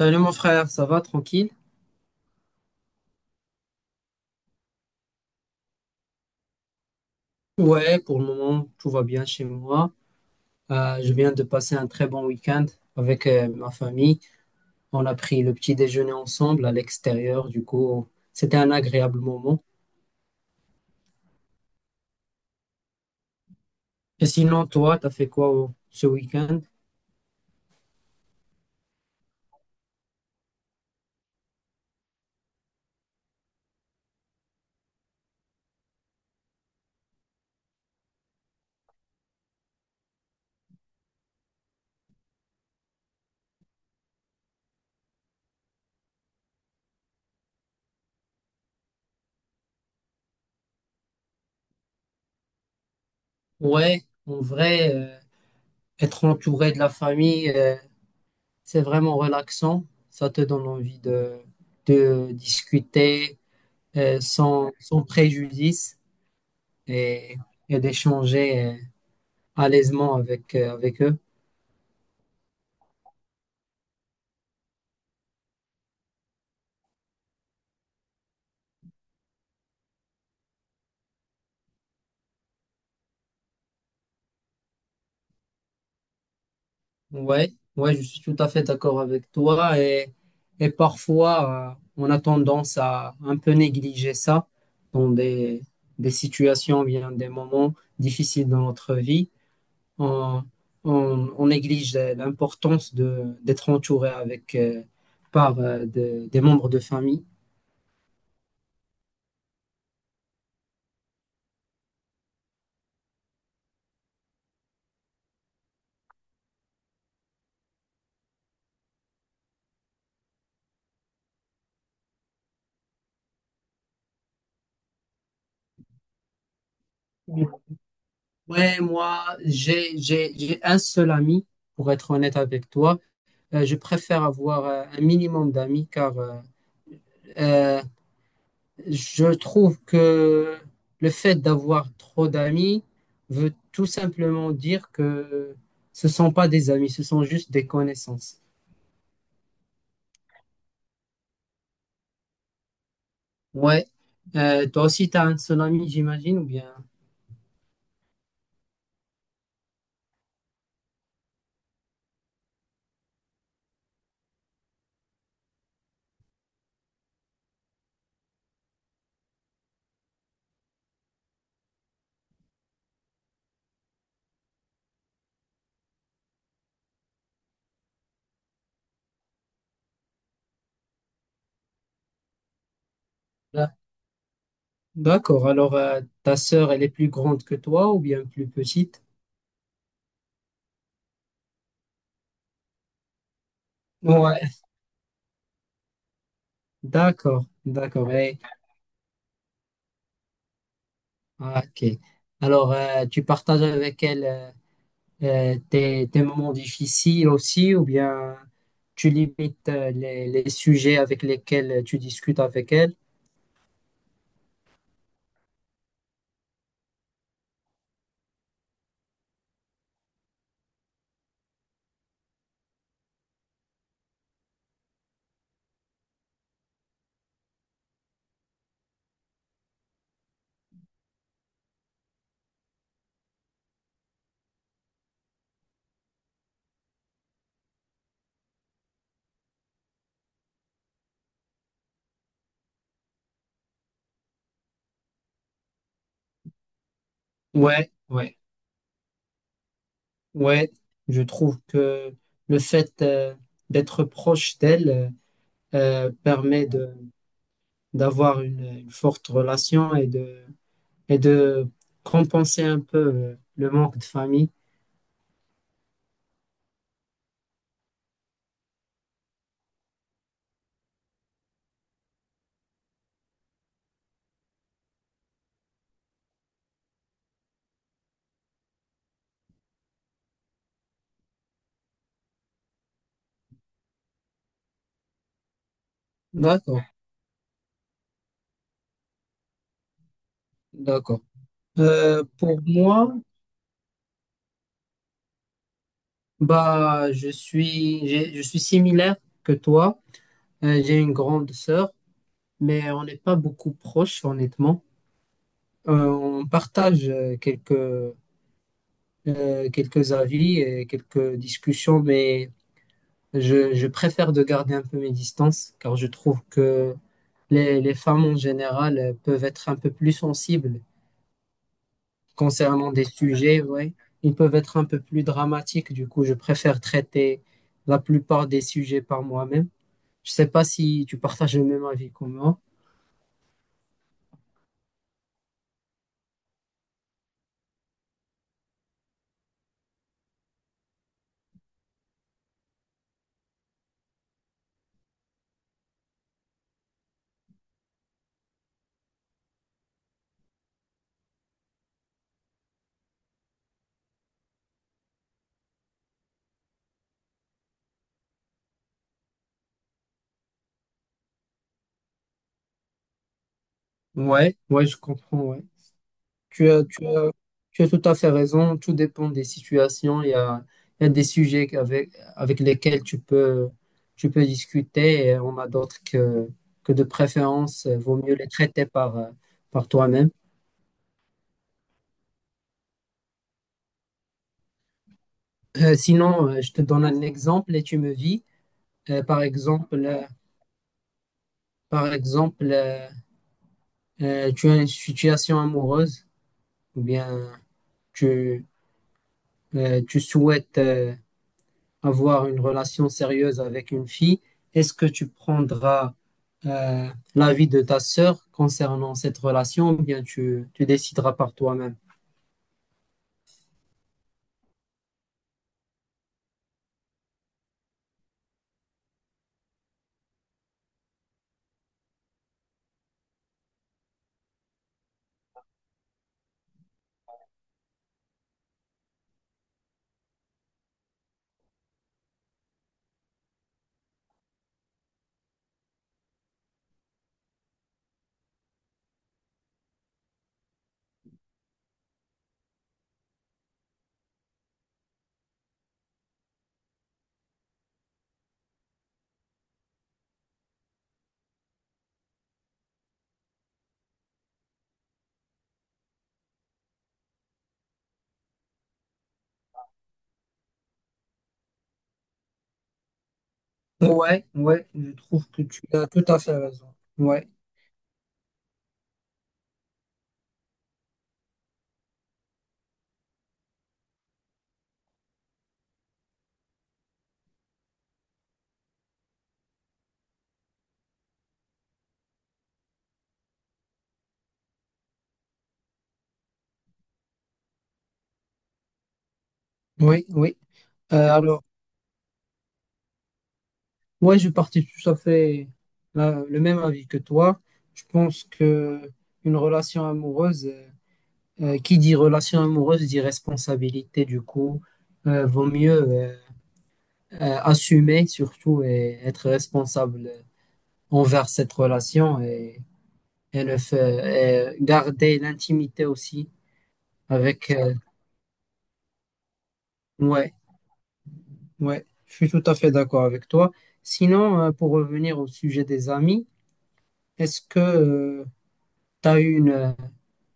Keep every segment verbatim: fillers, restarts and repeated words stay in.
Salut mon frère, ça va tranquille? Ouais, pour le moment, tout va bien chez moi. Euh, je viens de passer un très bon week-end avec euh, ma famille. On a pris le petit déjeuner ensemble à l'extérieur, du coup, c'était un agréable moment. Et sinon, toi, t'as fait quoi euh, ce week-end? Ouais, en vrai, euh, être entouré de la famille, euh, c'est vraiment relaxant. Ça te donne envie de, de discuter euh, sans, sans préjudice et, et d'échanger euh, à l'aisement avec, euh, avec eux. Ouais, ouais, je suis tout à fait d'accord avec toi. Et, et parfois, euh, on a tendance à un peu négliger ça dans des, des situations, bien des moments difficiles dans notre vie. On, on, on néglige l'importance de, d'être entouré avec, euh, par euh, de- des membres de famille. Ouais, moi, j'ai, j'ai, j'ai un seul ami, pour être honnête avec toi. Euh, je préfère avoir euh, un minimum d'amis car euh, euh, je trouve que le fait d'avoir trop d'amis veut tout simplement dire que ce sont pas des amis, ce sont juste des connaissances. Ouais. Euh, toi aussi, tu as un seul ami, j'imagine, ou bien... Là. D'accord. Alors, euh, ta sœur, elle est plus grande que toi ou bien plus petite? Ouais. D'accord, d'accord. Et- ah, ok. Alors, euh, tu partages avec elle... euh, euh, des, des moments difficiles aussi, ou bien tu limites euh, les, les sujets avec lesquels tu discutes avec elle? Ouais, ouais, ouais. Je trouve que le fait euh, d'être proche d'elle euh, permet de d'avoir une, une forte relation et de et de compenser un peu euh, le manque de famille. D'accord, d'accord. Euh, pour moi, Bah, je suis, j'ai- je suis similaire que toi. Euh, j'ai une grande sœur, mais on n'est pas beaucoup proches, honnêtement. Euh, on partage euh, quelques, euh, quelques avis et quelques discussions, mais je, je préfère de garder un peu mes distances, car je trouve que les, les femmes en général euh, peuvent être un peu plus sensibles concernant des sujets, ouais. Ils peuvent être un peu plus dramatiques, du coup, je préfère traiter la plupart des sujets par moi-même. Je sais pas si tu partages le même avis que moi. Ouais, ouais, je comprends, ouais. Tu as, tu as, tu as tout à fait raison. Tout dépend des situations. Il y a, il y a des sujets avec, avec lesquels tu peux, tu peux discuter et on a d'autres que, que de préférence, euh, vaut mieux les traiter par, euh, par toi-même. Euh, sinon, euh, je te donne un exemple et tu me dis, euh, par exemple, euh, par exemple, euh, euh, tu as une situation amoureuse ou bien tu, euh, tu souhaites euh, avoir une relation sérieuse avec une fille, est-ce que tu prendras euh, l'avis de ta sœur concernant cette relation ou bien tu, tu décideras par toi-même? Ouais, ouais, je trouve que tu as tout à fait raison. Ouais. Oui, oui. Euh, alors, ouais je partais tout à fait la- le même avis que toi. Je pense que une relation amoureuse, euh, euh, qui dit relation amoureuse dit responsabilité. Du coup, euh, vaut mieux euh, euh, assumer surtout et être responsable envers cette relation et, et ne fait- et garder l'intimité aussi avec. euh, ouais, ouais, je suis tout à fait d'accord avec toi. Sinon, euh, pour revenir au sujet des amis, est-ce que euh, tu as eu une,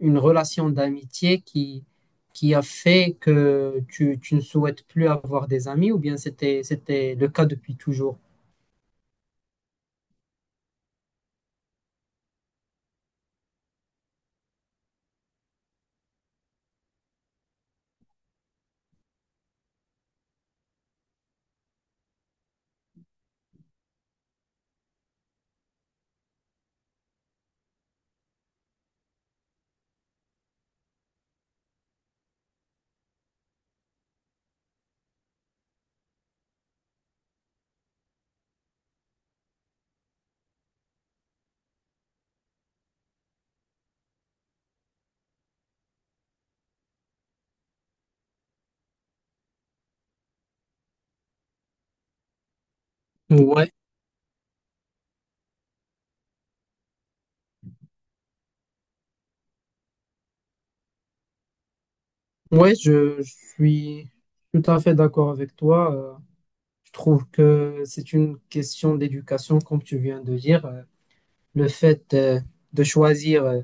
une relation d'amitié qui, qui a fait que tu, tu ne souhaites plus avoir des amis ou bien c'était, c'était le cas depuis toujours? Ouais, ouais, je, je suis tout à fait d'accord avec toi. Euh, je trouve que c'est une question d'éducation, comme tu viens de dire. Euh, le fait euh, de choisir euh,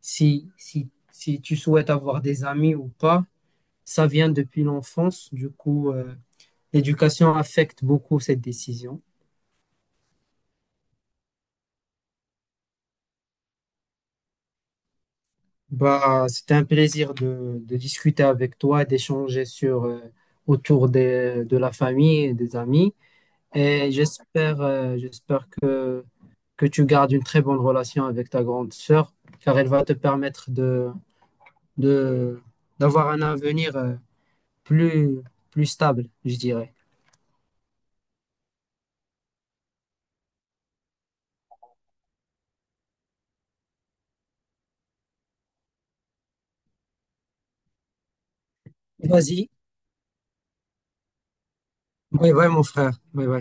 si, si, si tu souhaites avoir des amis ou pas, ça vient depuis l'enfance. Du coup, euh, l'éducation affecte beaucoup cette décision. Bah, c'était un plaisir de, de discuter avec toi, d'échanger sur, euh, autour des- de la famille et des amis. Et j'espère, euh, j'espère que, que tu gardes une très bonne relation avec ta grande sœur, car elle va te permettre de, de, d'avoir un avenir euh, plus, plus stable, je dirais. Vas-y. Oui, oui, mon frère. Oui, oui.